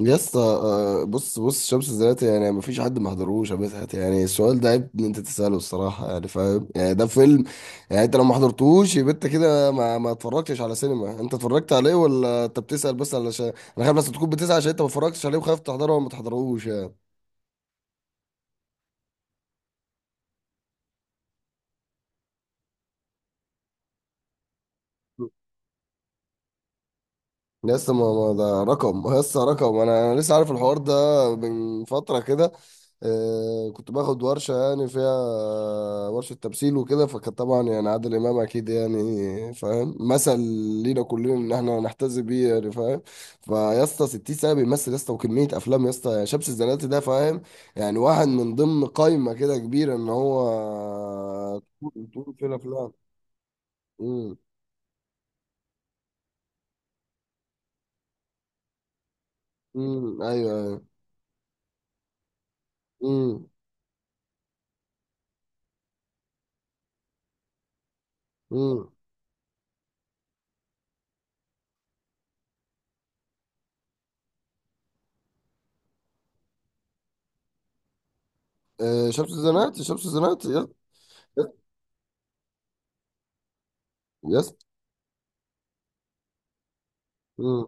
يا اسطى بص شمس الزناتي، يعني مفيش حد ما حضروش يا مدحت. يعني السؤال ده عيب ان انت تساله الصراحه، يعني فاهم، يعني ده فيلم. يعني انت لو ما حضرتوش يبقى انت كده ما اتفرجتش على سينما، انت اتفرجت عليه ولا انت بتسال بس علشان انا خايف بس تكون بتسال عشان انت ما اتفرجتش عليه وخايف تحضره وما تحضروش يعني. لسه ما ده رقم، لسه رقم. انا لسه عارف الحوار ده من فتره كده. كنت باخد ورشه يعني فيها، ورشه تمثيل وكده. فكان طبعا يعني عادل امام اكيد، يعني فاهم، مثل لينا كلنا ان احنا نحتذي بيه، يعني فاهم. فيا اسطى 60 سنه بيمثل يا اسطى، وكميه افلام يا اسطى. يعني شمس الزناتي ده، فاهم، يعني واحد من ضمن قائمه كده كبيره، ان هو طول طول في الافلام. امم ايوه ايوه. امم شمس الزناتي شمس الزناتي يس. يس. يس. مم.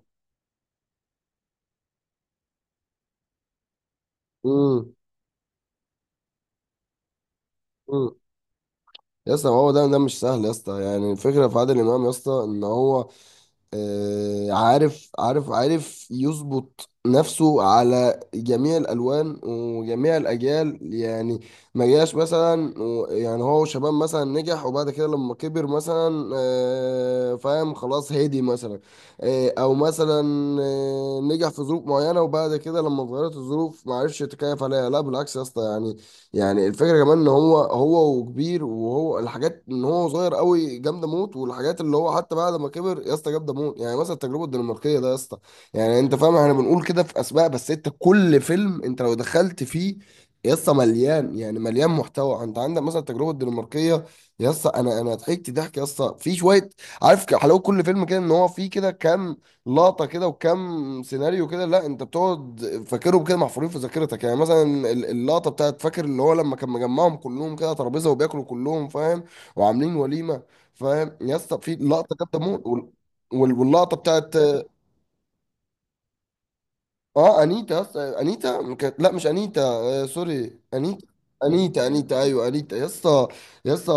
مم. مم. يا اسطى ما هو ده مش سهل يا اسطى. يعني الفكره في عادل امام يا اسطى، ان هو عارف يظبط نفسه على جميع الألوان وجميع الأجيال يعني. ما جاش مثلا يعني هو شباب مثلا نجح وبعد كده لما كبر مثلا فاهم، خلاص هادي مثلا، أو مثلا نجح في ظروف معينة، وبعد كده لما اتغيرت الظروف ما عرفش يتكيف عليها. لا بالعكس يا اسطى، يعني يعني الفكره كمان ان هو هو وكبير، وهو الحاجات ان هو صغير قوي جامده موت، والحاجات اللي هو حتى بعد ما كبر يا اسطى جامده موت. يعني مثلا التجربه الدنماركيه ده يا اسطى، يعني انت فاهم. احنا بنقول كده في اسماء، بس انت كل فيلم انت لو دخلت فيه يا اسطى مليان، يعني مليان محتوى. انت عندك مثلا التجربه الدنماركيه يا اسطى، انا ضحكت ضحك يا اسطى في شويه. عارف حلاوه كل فيلم كده، ان هو فيه كده كام لقطه كده وكم سيناريو كده. لا انت بتقعد فاكرهم كده محفورين في ذاكرتك. يعني مثلا اللقطه بتاعت، فاكر اللي هو لما كان مجمعهم كلهم كده على ترابيزه وبياكلوا كلهم، فاهم، وعاملين وليمه. فاهم يا اسطى، في لقطه جامده موت. واللقطه بتاعت اه انيتا. يس انيتا. لا مش انيتا، آه سوري انيتا. انيتا، انيتا، ايوه انيتا يا اسطى. يا اسطى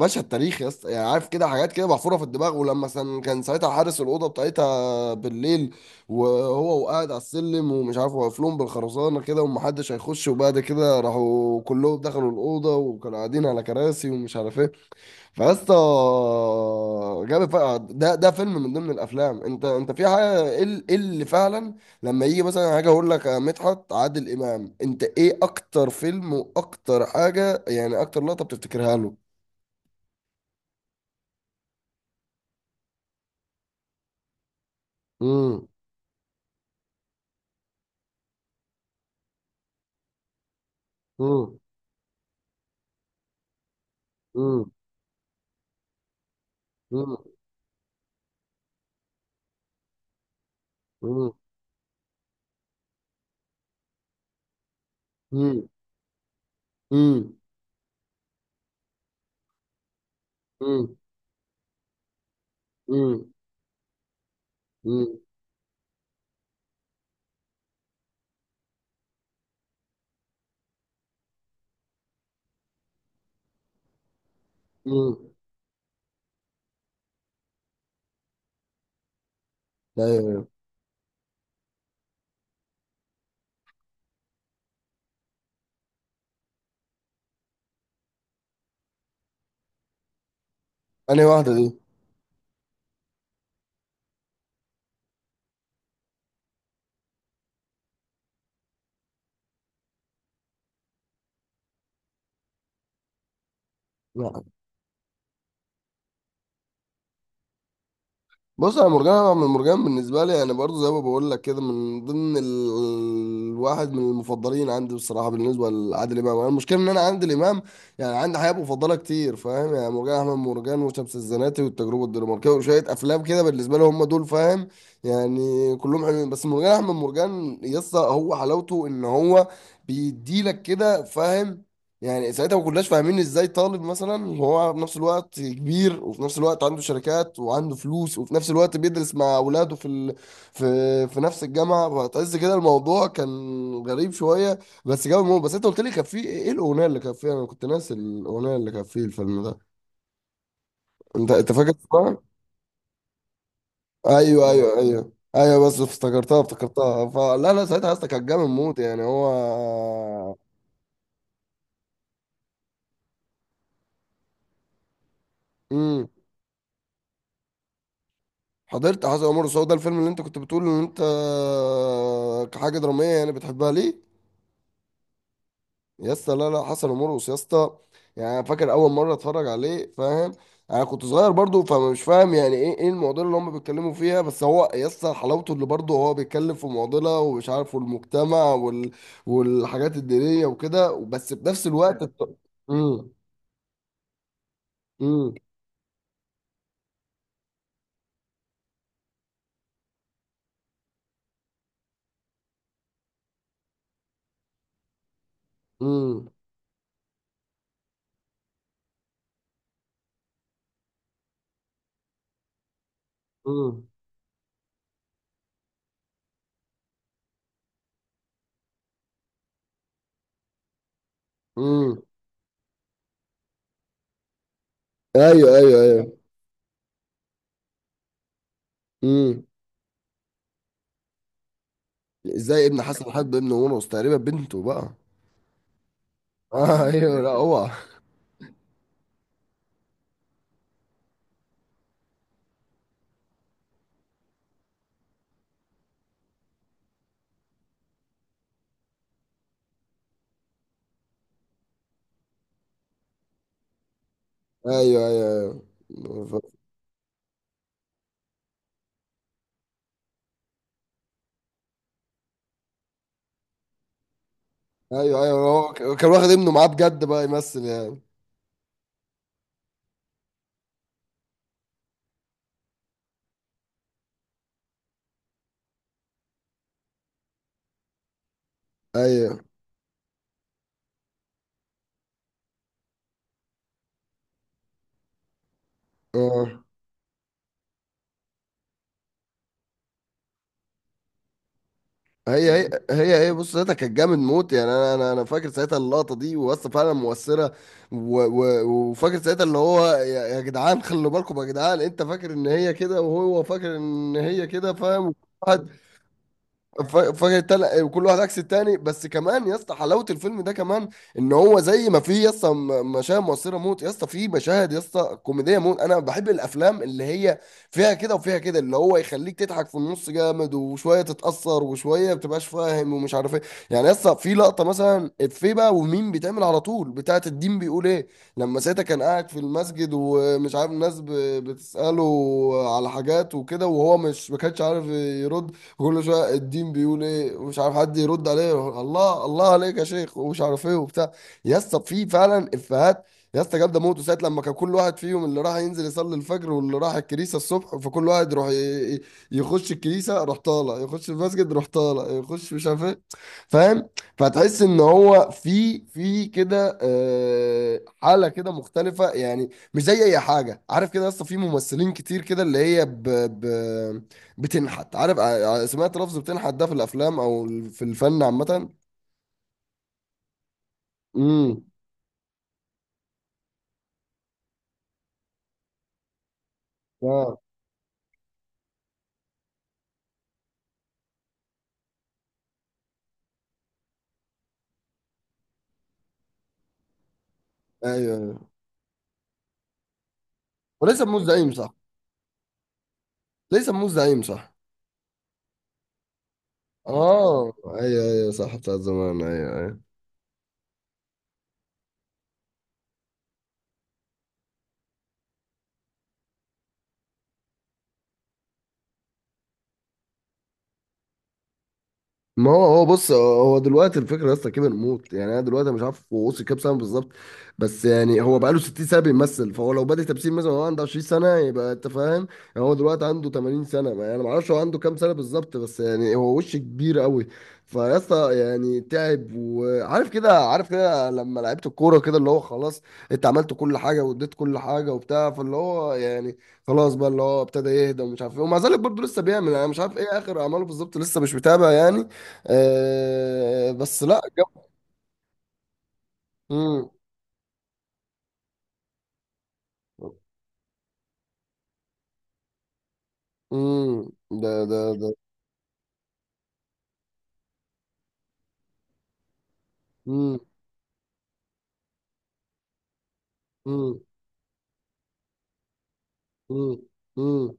مشهد تاريخي يا اسطى، يعني عارف كده، حاجات كده محفوره في الدماغ. ولما كان ساعتها حارس الاوضه بتاعتها بالليل، وهو وقاعد على السلم ومش عارف، واقف لهم بالخرسانه كده ومحدش هيخش. وبعد كده راحوا كلهم دخلوا الاوضه وكانوا قاعدين على كراسي ومش عارف ايه. فاسطى جاب ده فيلم من ضمن الافلام. انت انت في حاجه ايه، إيه اللي فعلا لما يجي مثلا حاجه، اقول لك يا مدحت، عادل امام انت ايه اكتر فيلم واكتر حاجه، يعني اكتر لقطه بتفتكرها له؟ امم امم امم امم امم امم امم امم امم امم ايوه ايوه. انا واحده دي. بص، انا مرجان، انا من مرجان بالنسبه لي، يعني برضو زي ما بقول لك كده، من ضمن الواحد من المفضلين عندي بصراحه بالنسبه لعادل امام. أنا المشكله ان انا عندي الامام، يعني عندي حاجات مفضله كتير، فاهم. يعني مرجان احمد مرجان، وشمس الزناتي، والتجربه الدنماركيه، وشويه افلام كده بالنسبه لي هم دول، فاهم. يعني كلهم حلوين، بس مرجان احمد مرجان يسطا هو حلاوته ان هو بيديلك كده، فاهم. يعني ساعتها ما كناش فاهمين ازاي طالب مثلا، وهو في نفس الوقت كبير، وفي نفس الوقت عنده شركات وعنده فلوس، وفي نفس الوقت بيدرس مع اولاده في ال... في في نفس الجامعه. فتحس كده الموضوع كان غريب شويه. بس جاب الموضوع، بس انت قلت لي كان في ايه الاغنيه اللي كان فيها، انا كنت ناسي الاغنيه اللي كان في الفيلم ده. انت فاكر اسمها؟ ايوه ايوه ايوه ايوه. بس افتكرتها، افتكرتها، فلا لا. ساعتها اصلا كان جامد موت، يعني هو. مم. حضرت حسن ومرقص؟ هو ده الفيلم اللي انت كنت بتقول ان انت كحاجه دراميه يعني بتحبها ليه؟ يا اسطى، لا لا، حسن ومرقص يا اسطى، يعني أنا فاكر اول مره اتفرج عليه، فاهم، انا كنت صغير برضو، فمش فاهم يعني ايه ايه المعضله اللي هم بيتكلموا فيها. بس هو يا اسطى حلاوته اللي برضو هو بيتكلم في معضله ومش عارف، والمجتمع والحاجات الدينيه وكده، بس في نفس الوقت امم امم امم امم امم ايوه ايوه ايوه. امم ازاي ابن حسن حب ابن ونص تقريبا، بنته بقى. آه ايوه لا هو. ايوه ايوه ايوه ايوه ايوه. هو كان واخد ابنه معاه بجد بقى يمثل يعني. ايوه اه. هي بص، ساعتها كانت جامد موت، يعني انا فاكر ساعتها اللقطه دي، واسطه فعلا مؤثره. و و وفاكر ساعتها، اللي هو يا يا جدعان خلوا بالكم يا جدعان. انت فاكر ان هي كده وهو فاكر ان هي كده، فاهم؟ وكل واحد عكس التاني. بس كمان يا اسطى حلاوه الفيلم ده كمان، ان هو زي ما فيه يا اسطى مشاهد مؤثره موت، يا اسطى فيه مشاهد يا اسطى كوميديه موت. انا بحب الافلام اللي هي فيها كده وفيها كده، اللي هو يخليك تضحك في النص جامد، وشويه تتاثر، وشويه ما بتبقاش فاهم ومش عارف ايه. يعني يا اسطى في لقطه مثلا افيه بقى ومين بيتعمل على طول، بتاعه الدين بيقول ايه، لما ساعتها كان قاعد في المسجد ومش عارف الناس بتساله على حاجات وكده، وهو مش ما كانش عارف يرد. كل شويه الدين بيقول ايه ومش عارف حد يرد عليه، الله الله عليك يا شيخ ومش عارف ايه وبتاع. يا اسطى في فعلا افيهات يا اسطى جامده موت. ساعه لما كان كل واحد فيهم، اللي راح ينزل يصلي الفجر، واللي راح الكنيسه الصبح، فكل واحد يروح يخش الكنيسه روح طالع، يخش المسجد روح طالع، يخش مش عارف ايه، فاهم. فتحس ان هو في في كده حاله كده مختلفه، يعني مش زي اي حاجه. عارف كده، يا اسطى في ممثلين كتير كده اللي هي ب ب بتنحت. عارف سمعت لفظ بتنحت ده في الافلام او في الفن عامه. امم اه ايوه ايوه. وليس موز زعيم صح. ليس موز زعيم صح. اه ايوه ايوه صح، بتاع زمان، ايوه ايوه. ما هو هو بص هو دلوقتي الفكره يا اسطى كبر موت، يعني انا دلوقتي مش عارف هو وصل كام سنه بالظبط، بس يعني هو بقاله 60 سنه بيمثل. فهو لو بادئ تمثيل مثلا وهو عنده 20 سنه يبقى، انت فاهم، يعني هو دلوقتي عنده 80 سنه. انا ما اعرفش هو عنده كام سنه بالظبط، بس يعني هو وش كبير قوي. فيا اسطى يعني تعب، وعارف كده عارف كده، لما لعبت الكوره كده، اللي هو خلاص انت عملت كل حاجه واديت كل حاجه وبتاع، فاللي هو يعني خلاص بقى، اللي هو ابتدى يهدى ومش عارف ايه. ومع ذلك برضه لسه بيعمل. انا مش عارف ايه اخر اعماله بالظبط، لسه مش متابع يعني. بس لا جو. مم. مم. ده. مم. مم. مم. مم.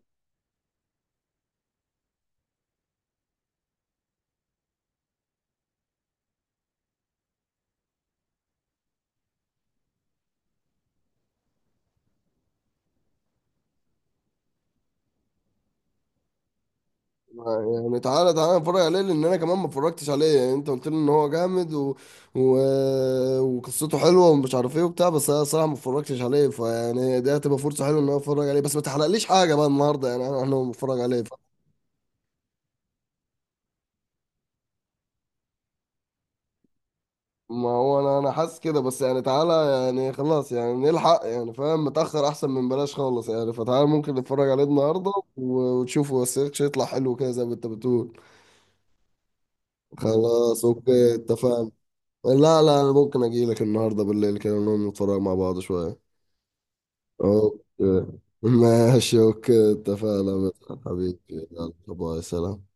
يعني تعالى تعالى نتفرج عليه، لان انا كمان ما اتفرجتش عليه. يعني انت قلت لي ان هو جامد، و... وقصته حلوه ومش عارف ايه وبتاع، بس انا صراحه ما اتفرجتش عليه. فيعني دي هتبقى فرصه حلوه ان انا اتفرج عليه، بس ما تحرقليش حاجه بقى النهارده يعني. أنا هتفرج عليه. ما هو انا حاسس كده، بس يعني تعالى، يعني خلاص يعني نلحق، يعني فاهم، متأخر احسن من بلاش خالص يعني. فتعالى ممكن نتفرج عليه النهارده وتشوفه، بس يطلع حلو كده زي ما انت بتقول. خلاص اوكي اتفقنا. لا لا، انا ممكن اجي لك النهارده بالليل كده نقوم نتفرج مع بعض شويه. اوكي ماشي اوكي اتفقنا. حبيبي، يلا باي سلام.